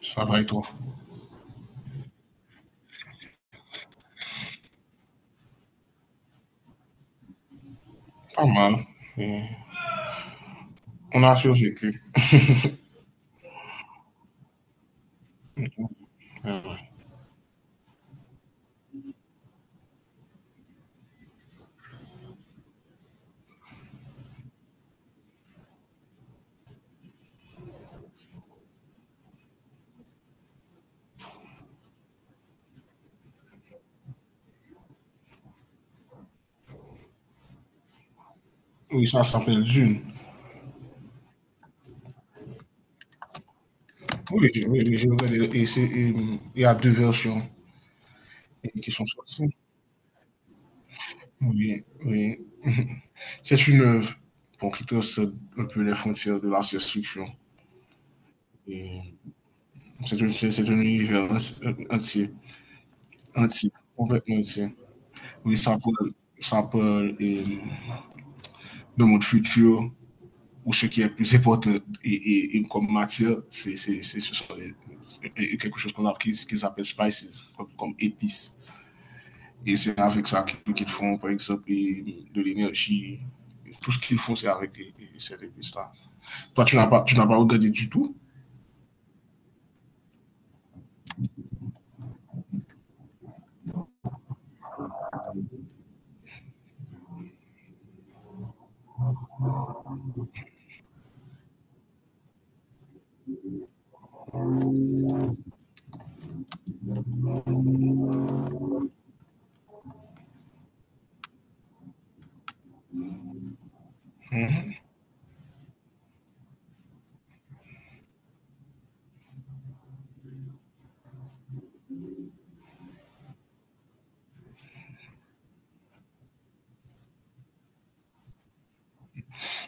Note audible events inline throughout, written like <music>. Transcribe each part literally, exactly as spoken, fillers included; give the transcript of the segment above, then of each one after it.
Ça va et toi? Pas mal. Et on a survécu. <laughs> Ouais. Oui, ça s'appelle Dune. Oui, j'ai- oui, oui, j'ai regardé. Et c'est, et, hum, il y a deux versions et, qui sont sorties. Oui, oui. <laughs> C'est une œuvre, bon, qui trace un peu les frontières de la science-fiction. Et C'est un, c'est- c'est un univers en- entier, entier, complètement entier. Oui, ça parle, ça parle, hum, de notre futur, ou ce qui est plus important. Et, et, et comme matière, c'est c'est c'est ce sont les, quelque chose qu'on a qu'ils qu appellent spices, comme, comme épices. Et c'est avec ça qu'ils font, par exemple, de l'énergie. Tout ce qu'ils font, c'est avec ces épices-là. Toi, tu n'as pas, tu n'as pas regardé du tout.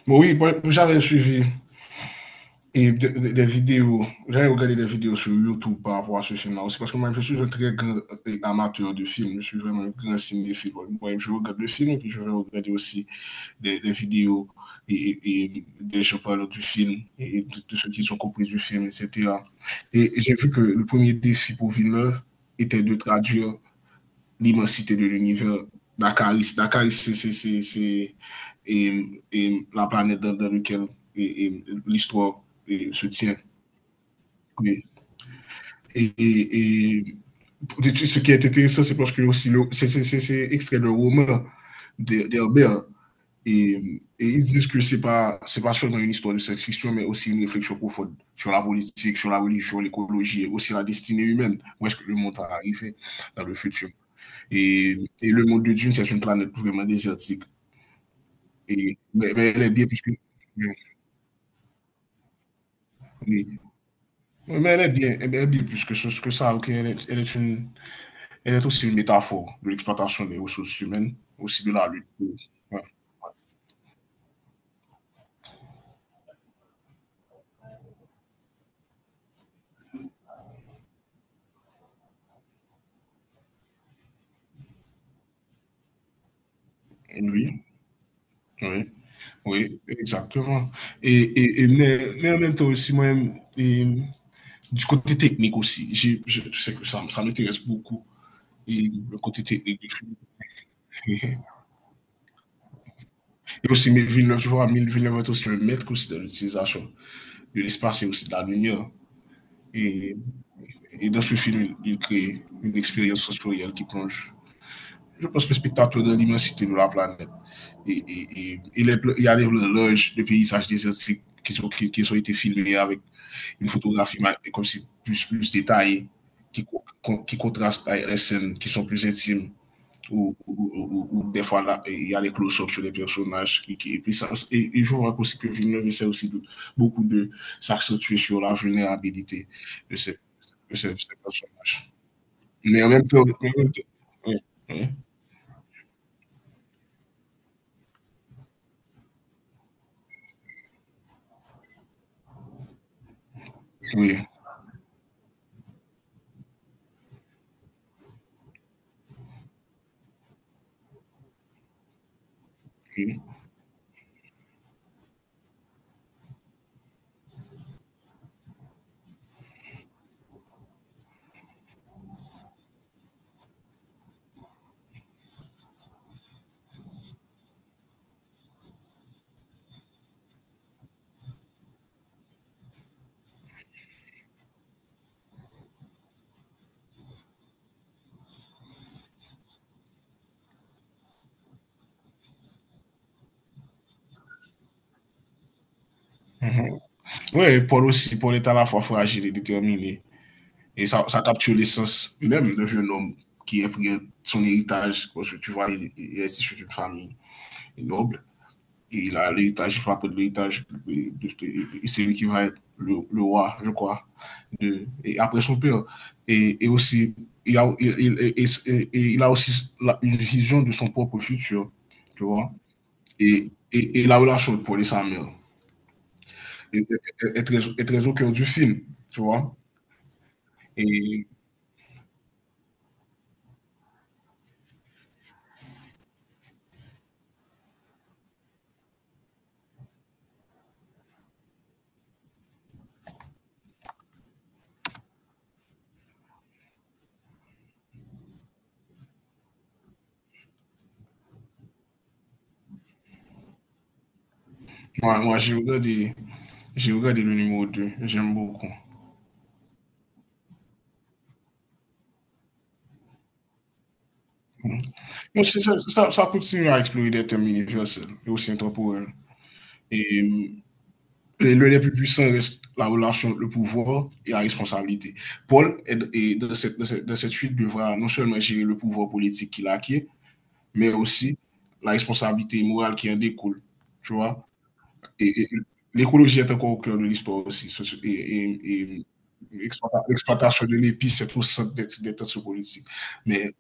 Mais oui, bon, j'avais suivi. Et de- de- des vidéos, j'avais regardé des vidéos sur YouTube par rapport à ce film-là aussi, parce que moi, je suis un très grand euh, amateur de films, je suis vraiment un grand cinéphile. Moi, je regarde le film et puis je vais regarder aussi des, des vidéos et, et- et des gens parlant du film et de, de ce qu'ils ont compris du film, et cetera. Et j'ai vu que le premier défi pour Villeneuve était de traduire l'immensité de l'univers. Dakaris, Dakaris, c'est la planète dans, dans laquelle l'histoire se tient. Oui. Et, et, et, et, ce qui est intéressant, c'est parce que aussi c'est extrait d'un roman d'Herbert. Et, et ils disent que ce n'est pas, pas seulement une histoire de science-fiction, mais aussi une réflexion profonde sur la politique, sur la religion, l'écologie et aussi la destinée humaine. Où est-ce que le monde va arriver dans le futur? Et, et le monde de Dune, c'est une planète vraiment désertique. Et, mais, mais elle est bien plus que. Oui. Oui, mais elle est bien, elle est bien plus que, ce- que ça. Ok? Elle, est, elle est une, elle est aussi une métaphore de l'exploitation des ressources humaines, aussi de la lutte. Ouais. Oui, oui. Oui, exactement. Et, et, et- mais, mais en même temps aussi, moi-même, et du côté technique aussi, j'ai- je, je sais que ça, ça m'intéresse beaucoup, et le côté technique du film. <laughs> Et aussi, mais Villeneuve, je vois, mais Villeneuve est aussi le maître aussi de l'utilisation de l'espace et aussi de la lumière. Et, et dans ce film, il crée une expérience sensorielle qui plonge, je pense, le spectateur dans l'immensité de la planète. Et, et, et, et les, il y a des loges, des paysages désertiques qui, sont, qui, qui ont été filmés avec une photographie comme si plus, plus détaillée, qui, qui contraste avec les scènes qui sont plus intimes, ou, ou, ou, ou des fois là, il y a les close-ups sur les personnages qui, qui- et puis ça, et, et je vois aussi que Villeneuve essaie aussi de, beaucoup de s'accentuer sur la vulnérabilité de ces, de ces, de ces personnages. Mais en même temps, en même temps- Oui, oui, oui, oui. Ouais, Paul aussi, Paul est à la fois fragile et déterminé. Et ça, ça capture l'essence même d'un jeune homme qui a pris son héritage, parce que tu vois, il est issu d'une famille noble. Il a l'héritage, il peu de l'héritage, et- c'est lui qui va être le, le roi, je crois, de, et après son père. Et, et aussi, il a, il, et- et- et il a aussi la- une vision de son propre futur, tu vois. Et, et, et la relation pour les sa mère est, est- est très, est très au cœur du film, tu vois. Et moi, moi j'ai regardé, j'ai regardé le numéro deux. J'aime beaucoup. Ça, ça, ça continue à explorer des thèmes universels et aussi intemporels. Et les lieux les plus puissants reste la relation, le pouvoir et la responsabilité. Paul, est, est- dans, cette, dans cette- dans cette suite, devra non seulement gérer le pouvoir politique qu'il a acquis, mais aussi la responsabilité morale qui en découle. Tu vois? Et, et l'écologie est encore au cœur de l'histoire aussi. Ce- Et, et- et l'exploitation de l'épice est au centre des, des tensions politiques. Mais,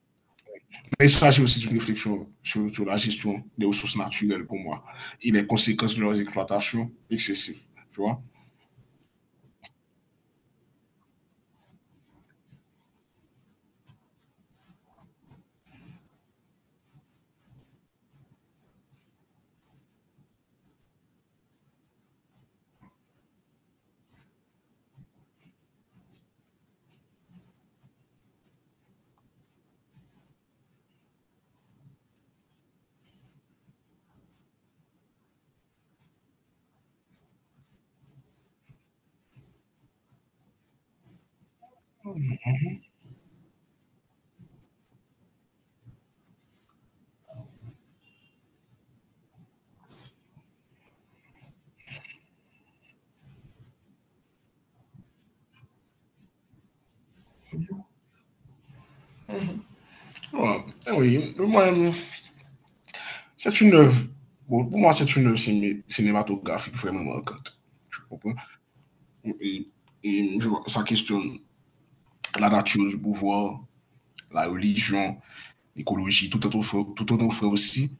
mais il s'agit aussi d'une réflexion sur, sur la gestion des ressources naturelles pour moi et les conséquences de leur exploitation excessive. Tu vois? Ouais, eh oui, moi, c'est une œuvre. Bon, pour moi, c'est une œuvre ciné- cinématographique vraiment marquante. Je comprends. Et, et je- Ça questionne la nature du pouvoir, la religion, l'écologie, tout en offrant, tout en offrant aussi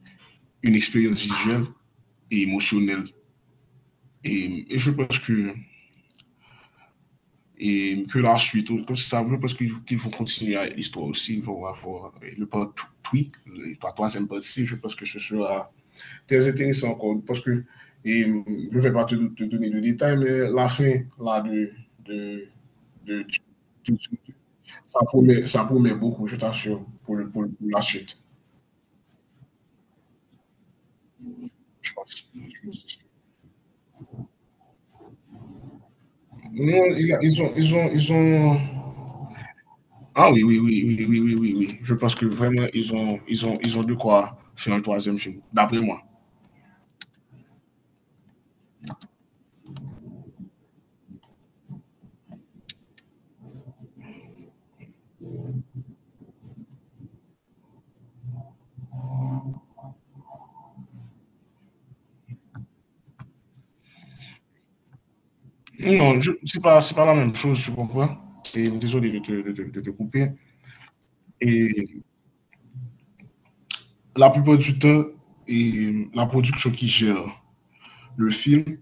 une expérience visuelle et émotionnelle. Et, et je pense que, et que la suite, comme ça, je pense qu'il qu'il faut continuer à l'histoire aussi. Ils vont avoir le part trois, la troisième partie. Je pense que ce sera très intéressant encore, parce que et, je ne vais pas te, te donner de détails, mais la fin là, de, de, de- de- ça, promet, ça promet beaucoup, je t'assure, pour, pour, pour la suite. Je pense. Non, il a- ils ont, ils ont, ils ont. Ah oui, oui, oui, oui, oui, oui, oui, oui. Je pense que vraiment, ils ont, ils ont, ils ont de quoi faire un troisième film, d'après moi. Non, je- c'est pas, c'est pas la même chose, tu comprends? Et désolé de te, de te- de te couper. Et la plupart du temps, et la production qui gère le film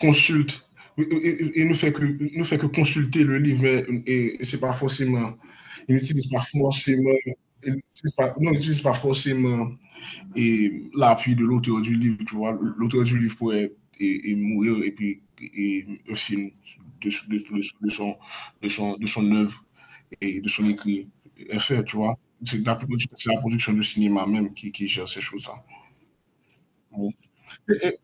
consulte et, et, et ne, fait que, ne fait que consulter le livre, mais et, et c'est pas forcément, il n'utilise pas forcément, pas, non, il pas forcément et l'appui de l'auteur du livre, tu vois. L'auteur du livre pourrait et, et mourir et puis et, un film de, de, de, de, son, de, son, de son œuvre et de son écrit est fait, tu vois. C'est la, c'est la, production de cinéma même qui, qui gère ces choses-là. Bon. Eh,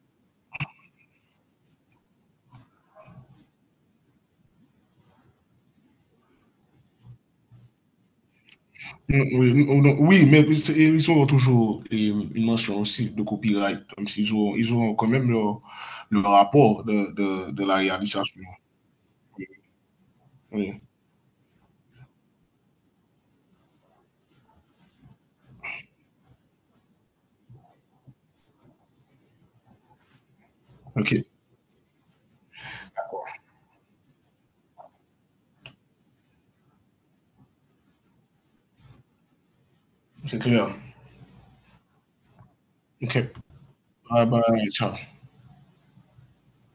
Oui, non, oui, mais c'est- ils auront toujours eh, une mention aussi de copyright, comme s'ils ont ils ont quand même leur, le rapport de, de, de la réalisation. Oui. Ok, c'est clair. Ok. Bye bye, ciao.